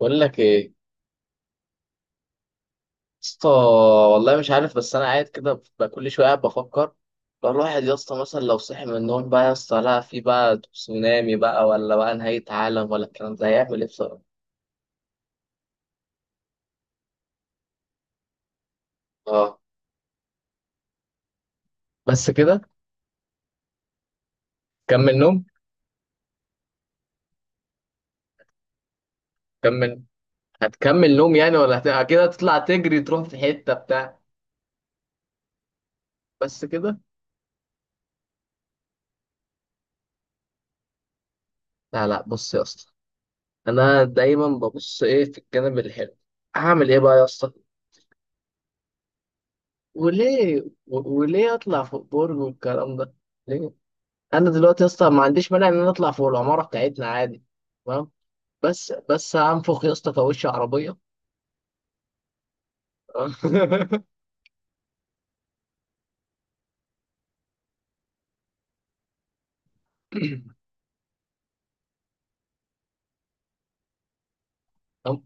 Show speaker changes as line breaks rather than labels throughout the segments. بقول لك ايه يا اسطى. والله مش عارف، بس انا قاعد كده بقى كل شويه قاعد بفكر. لو الواحد يا اسطى، مثلا لو صحي من النوم بقى يا اسطى، لا في بقى تسونامي بقى ولا بقى نهايه عالم، ولا الكلام ده هيعمل ايه بصراحه؟ اه، بس كده؟ كمل نوم. كمل. هتكمل نوم يعني، ولا أكيد هتطلع تجري تروح في حته بتاع؟ بس كده. لا لا، بص يا اسطى. انا دايما ببص ايه في الجانب الحلو. هعمل ايه بقى يا اسطى؟ وليه؟ وليه اطلع فوق برج والكلام ده؟ ليه؟ انا دلوقتي يا اسطى ما عنديش مانع ان انا اطلع فوق العماره بتاعتنا عادي. تمام. بس هنفخ يا اسطى كاوتش عربيه. طب.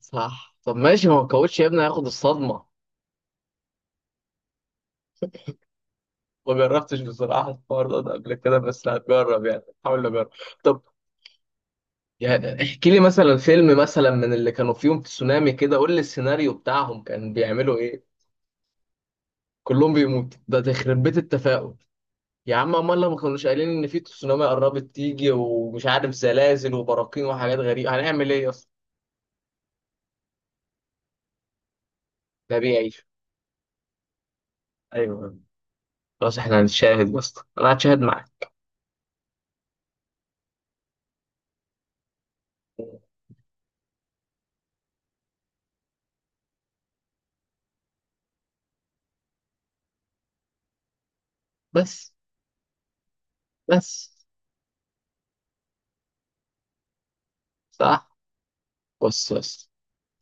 صح، طب ماشي، ما هو الكاوتش يا ابني هياخد الصدمه. ما جربتش بصراحة الحوار ده قبل كده، بس هتجرب يعني، حاول أجرب. طب يعني احكي لي مثلا فيلم مثلا من اللي كانوا فيهم تسونامي كده، قول لي السيناريو بتاعهم كان بيعملوا ايه. كلهم بيموتوا، ده تخرب بيت التفاؤل. يا عم امال، لما كانوش قايلين ان في تسونامي قربت تيجي ومش عارف زلازل وبراكين وحاجات غريبه، هنعمل ايه اصلا؟ ده بيعيش. ايوه. خلاص احنا هنتشاهد يا اسطى، انا هتشاهد معاك. بس، بس، صح. بص، بص.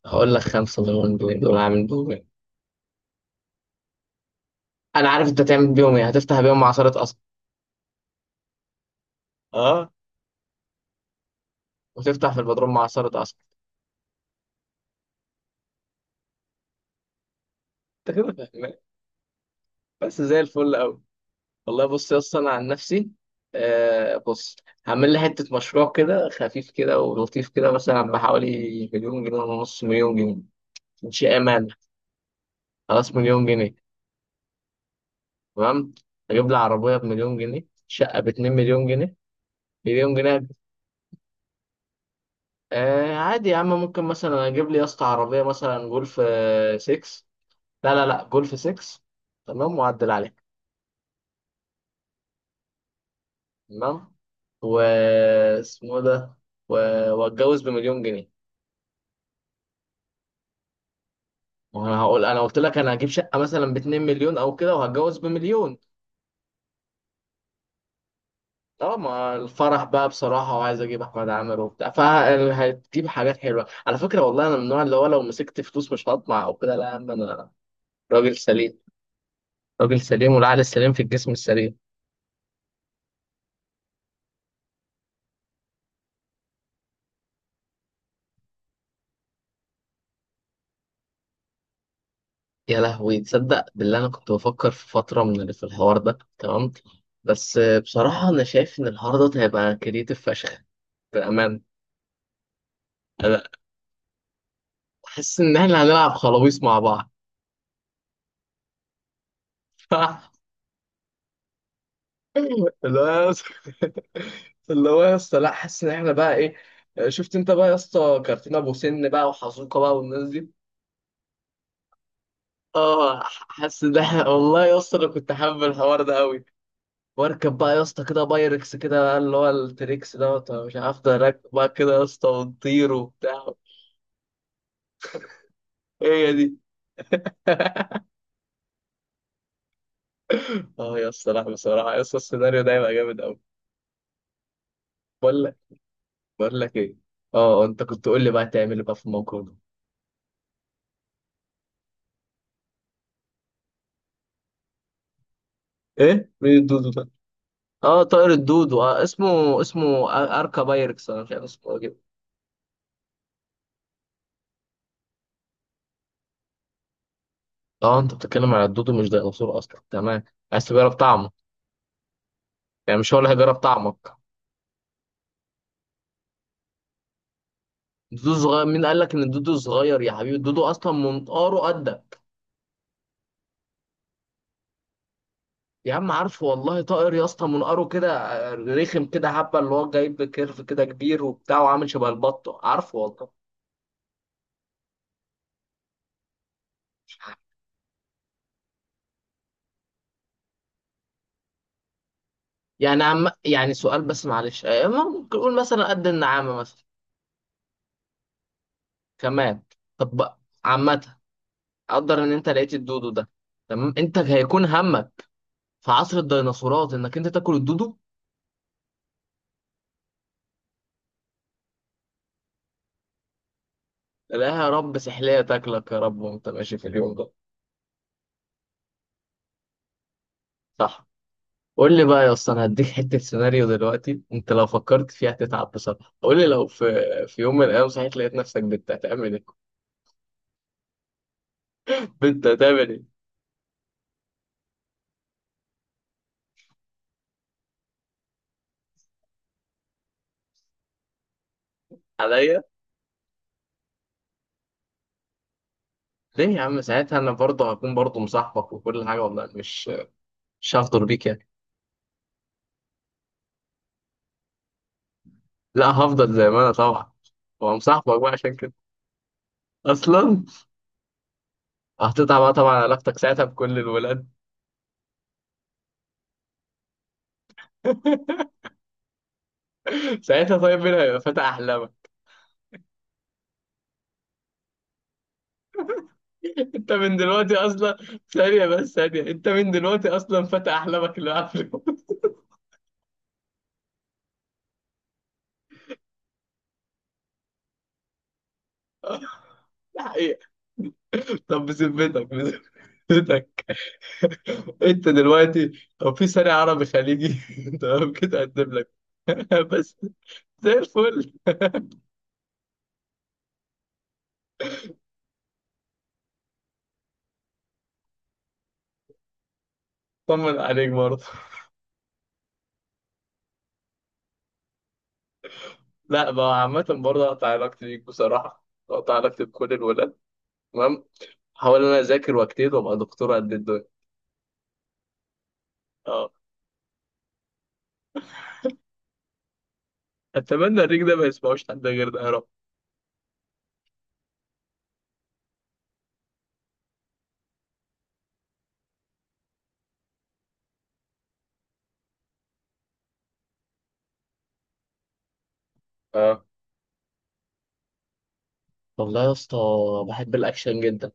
هقول لك خمسة مليون جنيه دول هعمل بيهم ايه؟ انا عارف انت تعمل بيهم ايه، هتفتح بيهم عصارة قصب. اه، وتفتح في البدروم مع عصارة قصب. انت كده فاهم. بس زي الفل قوي. والله بص يا اسطى، انا عن نفسي. آه، بص. هعمل لي حته مشروع كده خفيف كده ولطيف كده، مثلا بحوالي مليون جنيه ونص مليون جنيه. شقه مال. خلاص، مليون جنيه. تمام. اجيب لي عربيه بمليون جنيه، شقه باتنين مليون جنيه. مليون جنيه. آه عادي يا عم، ممكن مثلا اجيب لي يا اسطى عربيه مثلا جولف 6. لا لا لا، جولف 6. تمام، واعدل عليها. تمام. واسمه ده. واتجوز بمليون جنيه. ما انا هقول، انا قلت لك انا هجيب شقه مثلا ب 2 مليون او كده، وهتجوز بمليون. اه، ما الفرح بقى بصراحه، وعايز اجيب احمد عامر وبتاع، فهتجيب حاجات حلوه على فكره، والله انا من النوع اللي هو لو مسكت فلوس مش هطمع او كده، لا يا عم انا راجل سليم. راجل سليم، والعقل السليم في الجسم السليم. يا لهوي، تصدق بالله انا كنت بفكر في فتره من اللي في الحوار ده، تمام. بس بصراحه انا شايف ان الحوار ده هيبقى كريتيف فشخ. بامان. انا حاسس ان احنا هنلعب خلاويص مع بعض. اللي هو يا اسطى- اللي هو يا اسطى، لا حاسس ان احنا بقى ايه؟ شفت انت بقى يا اسطى كارتين ابو سن بقى وحزوقه بقى والناس دي. اه، حاسس ان احنا والله يا اسطى، انا كنت حابب الحوار ده قوي. واركب بقى يا اسطى كده بايركس كده بقى اللي هو التريكس دوت مش عارف ده، راكب بقى كده يا اسطى ونطير وبتاع. هي دي. اه يا اسطى، لا بصراحه يا اسطى السيناريو ده هيبقى جامد قوي. بقول لك بقول لك ايه؟ اه انت كنت قول لي بقى تعمل ايه بقى في الموقف ده. ايه، مين الدودو ده؟ اه، طائر الدودو، آه اسمه اركا بايركس انا مش عارف اسمه إيه كده. اه، انت بتتكلم على الدودو، مش ديناصور اصلا، تمام. عايز تجرب طعمه؟ يعني مش هو اللي هيجرب طعمك؟ الدودو صغير؟ مين قال لك ان الدودو صغير يا حبيبي؟ الدودو اصلا منقاره قدك. يا عم عارفه والله، طائر يا اسطى منقاره كده. رخم كده حبه اللي هو جايب كيرف كده كبير وبتاع وعامل شبه البطه، عارفه والله. يعني عم، يعني سؤال بس معلش، ممكن نقول مثلا قد النعامه مثلا؟ كمان. طب بقى. عامة. قدر ان انت لقيت الدودو ده. تمام، انت هيكون همك في عصر الديناصورات انك انت تاكل الدودو. لا يا رب سحلية تاكلك يا رب وانت ماشي في اليوم ده. صح. قول لي بقى يا اسطى، انا هديك حتة سيناريو دلوقتي، انت لو فكرت فيها هتتعب بصراحة. قول لي لو في يوم من الايام صحيت لقيت نفسك بنت، هتعمل ايه؟ بنت هتعمل ايه عليا؟ ليه يا عم؟ ساعتها انا برضه هكون برضه مصاحبك وكل حاجة والله، مش هفضل بيك يعني. لا، هفضل زي ما انا طبعا، وهمصاحبك بقى عشان كده اصلا. هتقطع بقى طبعا علاقتك ساعتها بكل الولاد. ساعتها طيب، مين هيبقى فتى احلامك؟ انت من دلوقتي اصلا. ثانيه بس، ثانيه، انت من دلوقتي اصلا فتى احلامك اللي قبله. ده حقيقه. طب بذمتك، بذمتك، انت دلوقتي لو في ثاني عربي خليجي، تمام كده اقدم لك. بس زي الفل. طمن عليك برضه. لا بقى عامة، برضه هقطع علاقتي بيك بصراحة، هقطع علاقتي بكل الولاد. تمام. هحاول إن أنا أذاكر وأجتهد وأبقى دكتور قد الدنيا. اه. اتمنى الريك ده ما يسمعوش حد غير ده يا رب. اه. والله يا اسطى، بحب الاكشن جدا.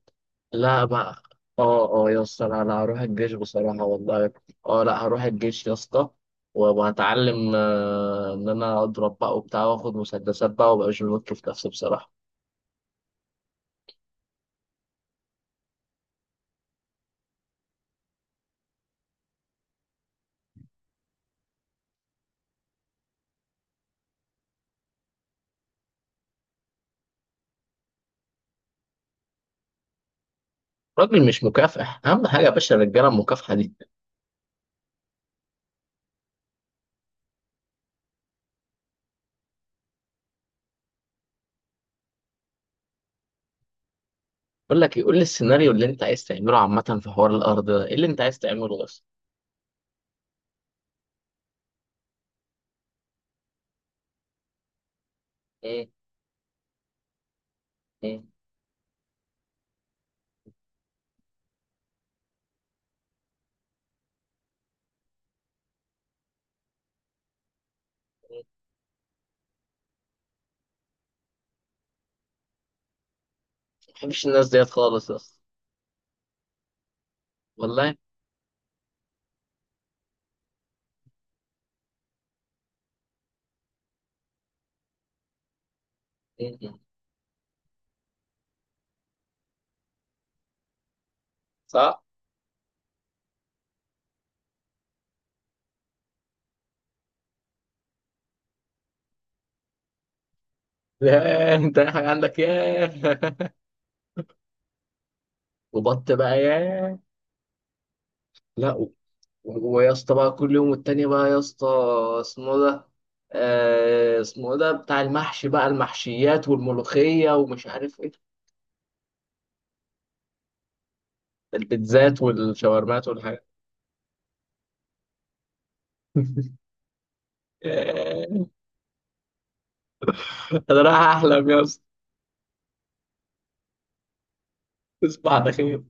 لا بقى. اه يا اسطى، لا لا هروح الجيش بصراحة والله. اه، لا هروح الجيش يا اسطى. وهتعلم ان انا اضرب بقى وبتاع واخد مسدسات بقى، وابقى مش بنط في نفسي بصراحة. راجل مش مكافح اهم حاجة يا باشا، الرجالة المكافحة دي. بقول لك يقول لي السيناريو اللي انت عايز تعمله عامة في حوار الارض ده ايه اللي انت عايز تعمله بس. مم، مم، مم. ما بحبش الناس ديت خالص يا اسطى، والله. م- م. صح. ياه، انت اي حاجه عندك، ياه. وبط بقى، ياه. لا، ويا اسطى بقى كل يوم والتاني بقى يا اسطى، اسمه ده. اسمه ده بتاع المحشي بقى المحشيات والملوخيه ومش عارف ايه. البيتزات والشاورمات والحاجات. ياه، انا رايح احلم يا اسطى. تصبح على خير.